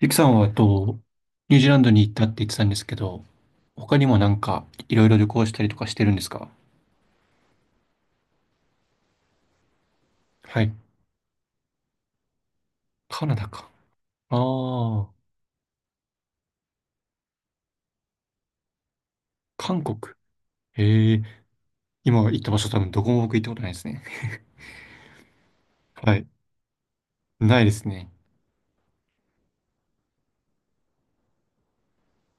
ゆきさんは、ニュージーランドに行ったって言ってたんですけど、他にもなんか、いろいろ旅行したりとかしてるんですか？はい。カナダか。ああ、韓国。へえ、今行った場所多分どこも僕行ったことないですね。はい。ないですね。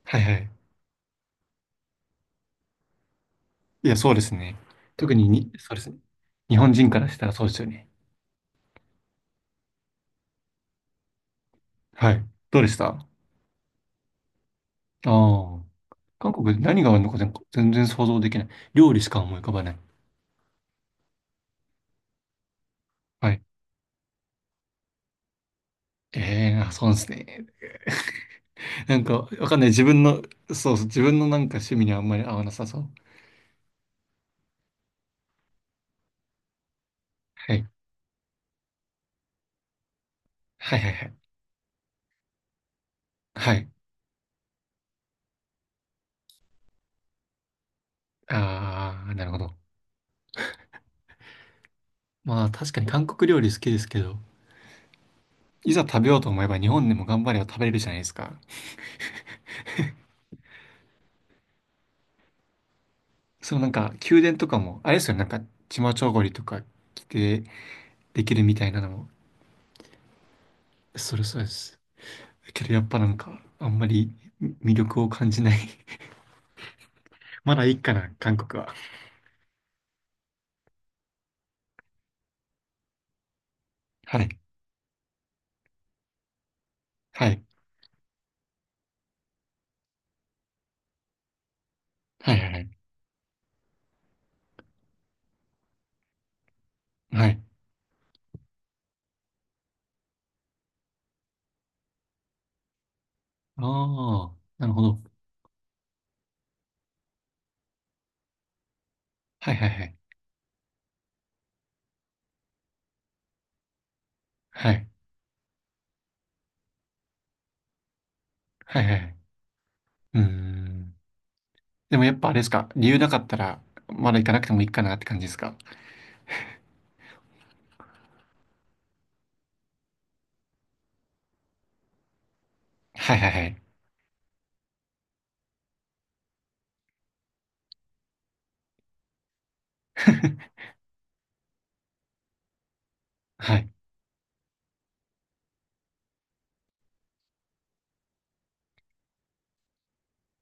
はいはい。いや、そうですね。特に、そうですね。日本人からしたらそうですよね。はい。どうでした？ああー、韓国で何があるのか全然想像できない。料理しか思い浮かばない。はい。ええー、あ、そうですね。なんか、わかんない。自分の、そうそう、自分のなんか趣味にはあんまり合わなさそう。はい。はいはいはい。はい。ああ、なるほど。まあ、確かに韓国料理好きですけど、いざ食べようと思えば日本でも頑張れば食べれるじゃないですか。そのなんか、宮殿とかも、あれですよね、なんか、チマチョゴリとか着てできるみたいなのも、それそうです。だけどやっぱなんか、あんまり魅力を感じない。 まだいいかな、韓国は。はい。はい。はいはいはい。はい。ああ、なるほど。はいはいはい。はい。はいはい。うーん。でもやっぱあれですか、理由なかったら、まだ行かなくてもいいかなって感じですか？はいはいはい。はい。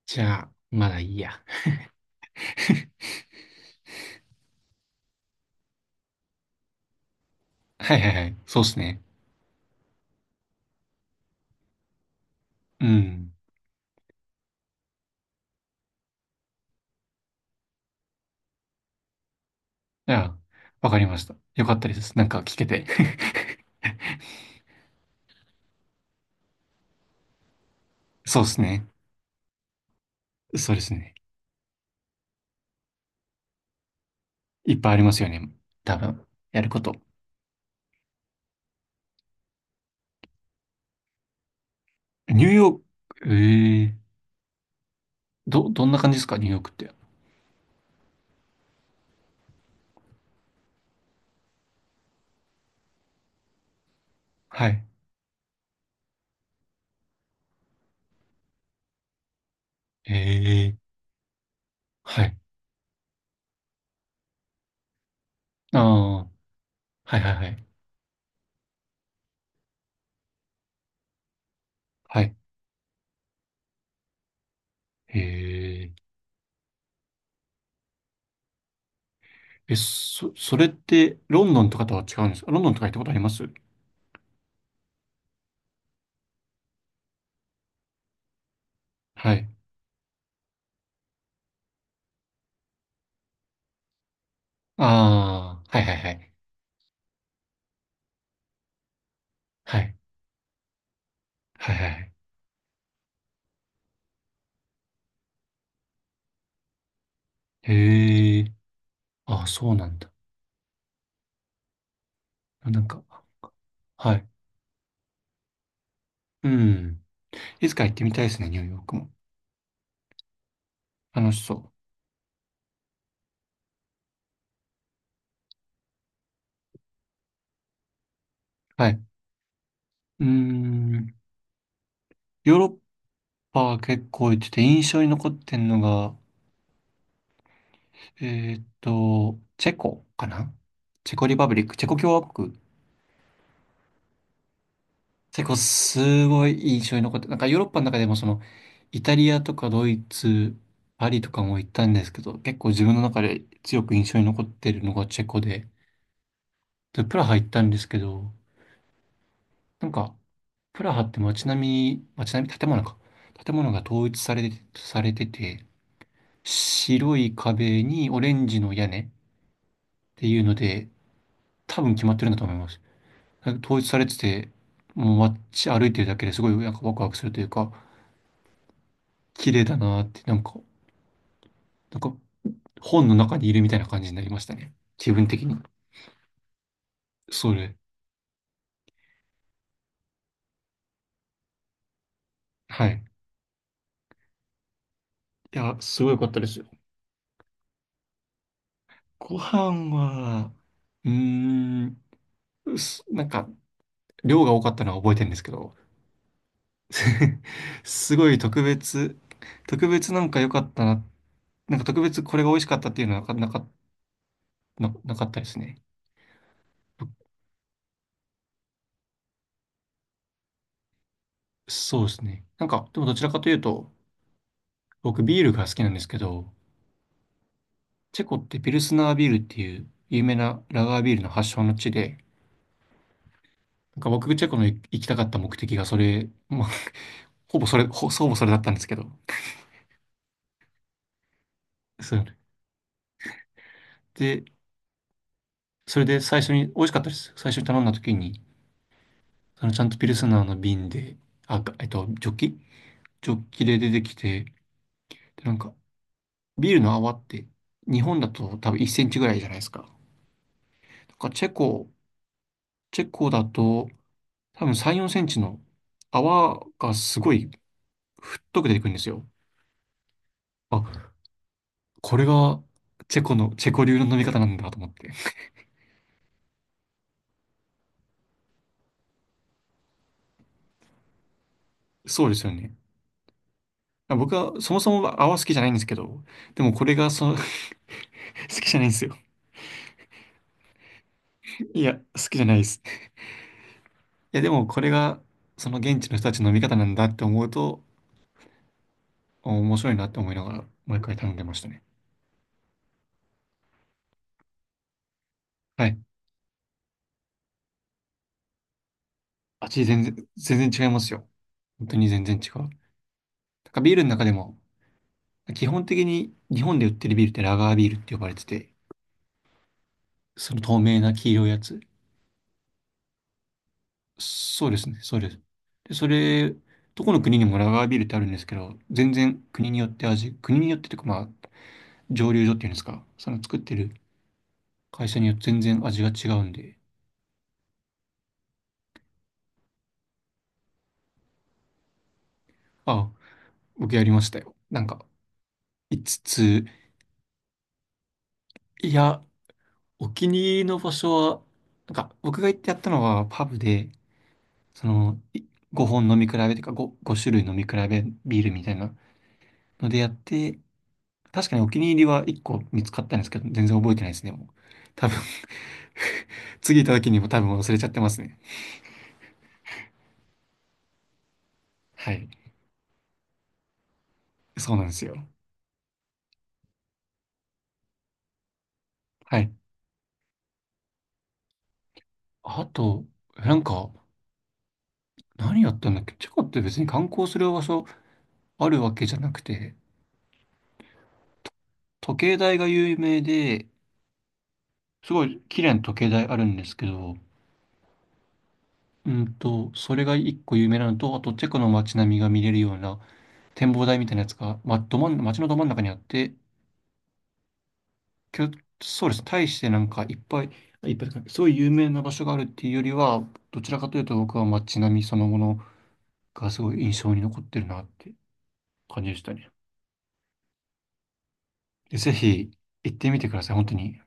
じゃあ、まだいいや。はいはいはい。そうですね。うん。じゃあ、わかりました。よかったです。なんか聞けて。そうですね。そうですね。いっぱいありますよね。多分、やること。ニューヨーク、ええ、どんな感じですかニューヨークって？はい。ええ、はい。ああ、はいはいはい。はい。えええ、それって、ロンドンとかとは違うんですか？ロンドンとか行ったことあります？はい。ああ、はいはいはい。はい。はいはいはい。へえ、ああ、そうなんだ。なんか、はい。うん。いつか行ってみたいですね、ニューヨークも。楽しそう。はい。うーん。ヨーロッパは結構行ってて、印象に残ってんのが、チェコかな？チェコリパブリック、チェコ共和国。結構すごい印象に残って、なんかヨーロッパの中でもその、イタリアとかドイツ、パリとかも行ったんですけど、結構自分の中で強く印象に残ってるのがチェコで、で、プラハ行ったんですけど、なんか、プラハって街並み、建物か。建物が統一されてて、白い壁にオレンジの屋根っていうので、多分決まってるんだと思います。なんか統一されてて、もう街歩いてるだけですごいなんかワクワクするというか、綺麗だなって、なんかなんか本の中にいるみたいな感じになりましたね。自分的に。それ。はい。いや、すごい良かったですよ。ご飯は、うーん、なんか、量が多かったのは覚えてるんですけど、すごい特別なんか良かったな、なんか特別これが美味しかったっていうのはなかなか、なかったですね。そうですね。なんか、でもどちらかというと、僕ビールが好きなんですけど、チェコってピルスナービールっていう有名なラガービールの発祥の地で、なんか僕、チェコの行きたかった目的がそれ、まあ、ほぼそれだったんですけど。そうね。で、それで最初に、美味しかったです。最初に頼んだ時に、そのちゃんとピルスナーの瓶で、あ、ジョッキで出てきて、で、なんか、ビールの泡って、日本だと多分1センチぐらいじゃないですか。んかチェコ、チェコだと、多分3、4センチの泡がすごい太く出てくるんですよ。あ、これがチェコ流の飲み方なんだと思って。そうですよね。僕はそもそも泡好きじゃないんですけど、でもこれがその 好きじゃないんですよ。いや、好きじゃないです。いや、でもこれがその現地の人たちの見方なんだって思うと、面白いなって思いながら、毎回頼んでましたね。はい。味全然違いますよ。本当に全然違う。なんかビールの中でも、基本的に日本で売ってるビールってラガービールって呼ばれてて、その透明な黄色いやつ。そうですね、そうです。で、それ、どこの国にもラガービールってあるんですけど、全然国によって味、国によってというかまあ、蒸留所っていうんですか、その作ってる会社によって全然味が違うんで、あ、僕やりましたよ。なんか、5ついや、お気に入りの場所は、なんか、僕が行ってやったのはパブで、その、5本飲み比べとか5種類飲み比べビールみたいなのでやって、確かにお気に入りは1個見つかったんですけど、全然覚えてないですね、もう。多分、次行った時にも多分忘れちゃってますね。はい。そうなんですよ。はい。あと、なんか、何やったんだっけ？チェコって別に観光する場所あるわけじゃなくて、時計台が有名で、すごい綺麗な時計台あるんですけど、うんと、それが一個有名なのと、あとチェコの街並みが見れるような展望台みたいなやつが、ま、ど真ん、街のど真ん中にあって、きょそうです。大してなんかいっぱい、いっぱいというか、すごい有名な場所があるっていうよりは、どちらかというと僕は街並みそのものがすごい印象に残ってるなって感じでしたね。でぜひ行ってみてください、本当に。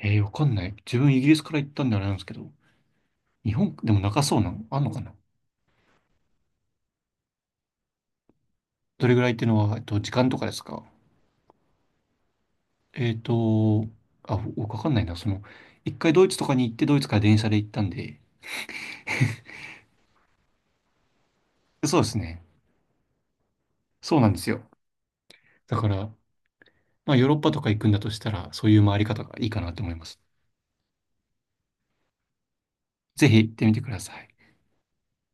わかんない。自分イギリスから行ったんであれなんですけど、日本でも長そうなのあんのかな？どれぐらいっていうのは、時間とかですか？えっと、あ、僕わかんないな。その、一回ドイツとかに行って、ドイツから電車で行ったんで、そうですね。そうなんですよ。だから、まあ、ヨーロッパとか行くんだとしたら、そういう回り方がいいかなと思います。ぜひ行ってみてください。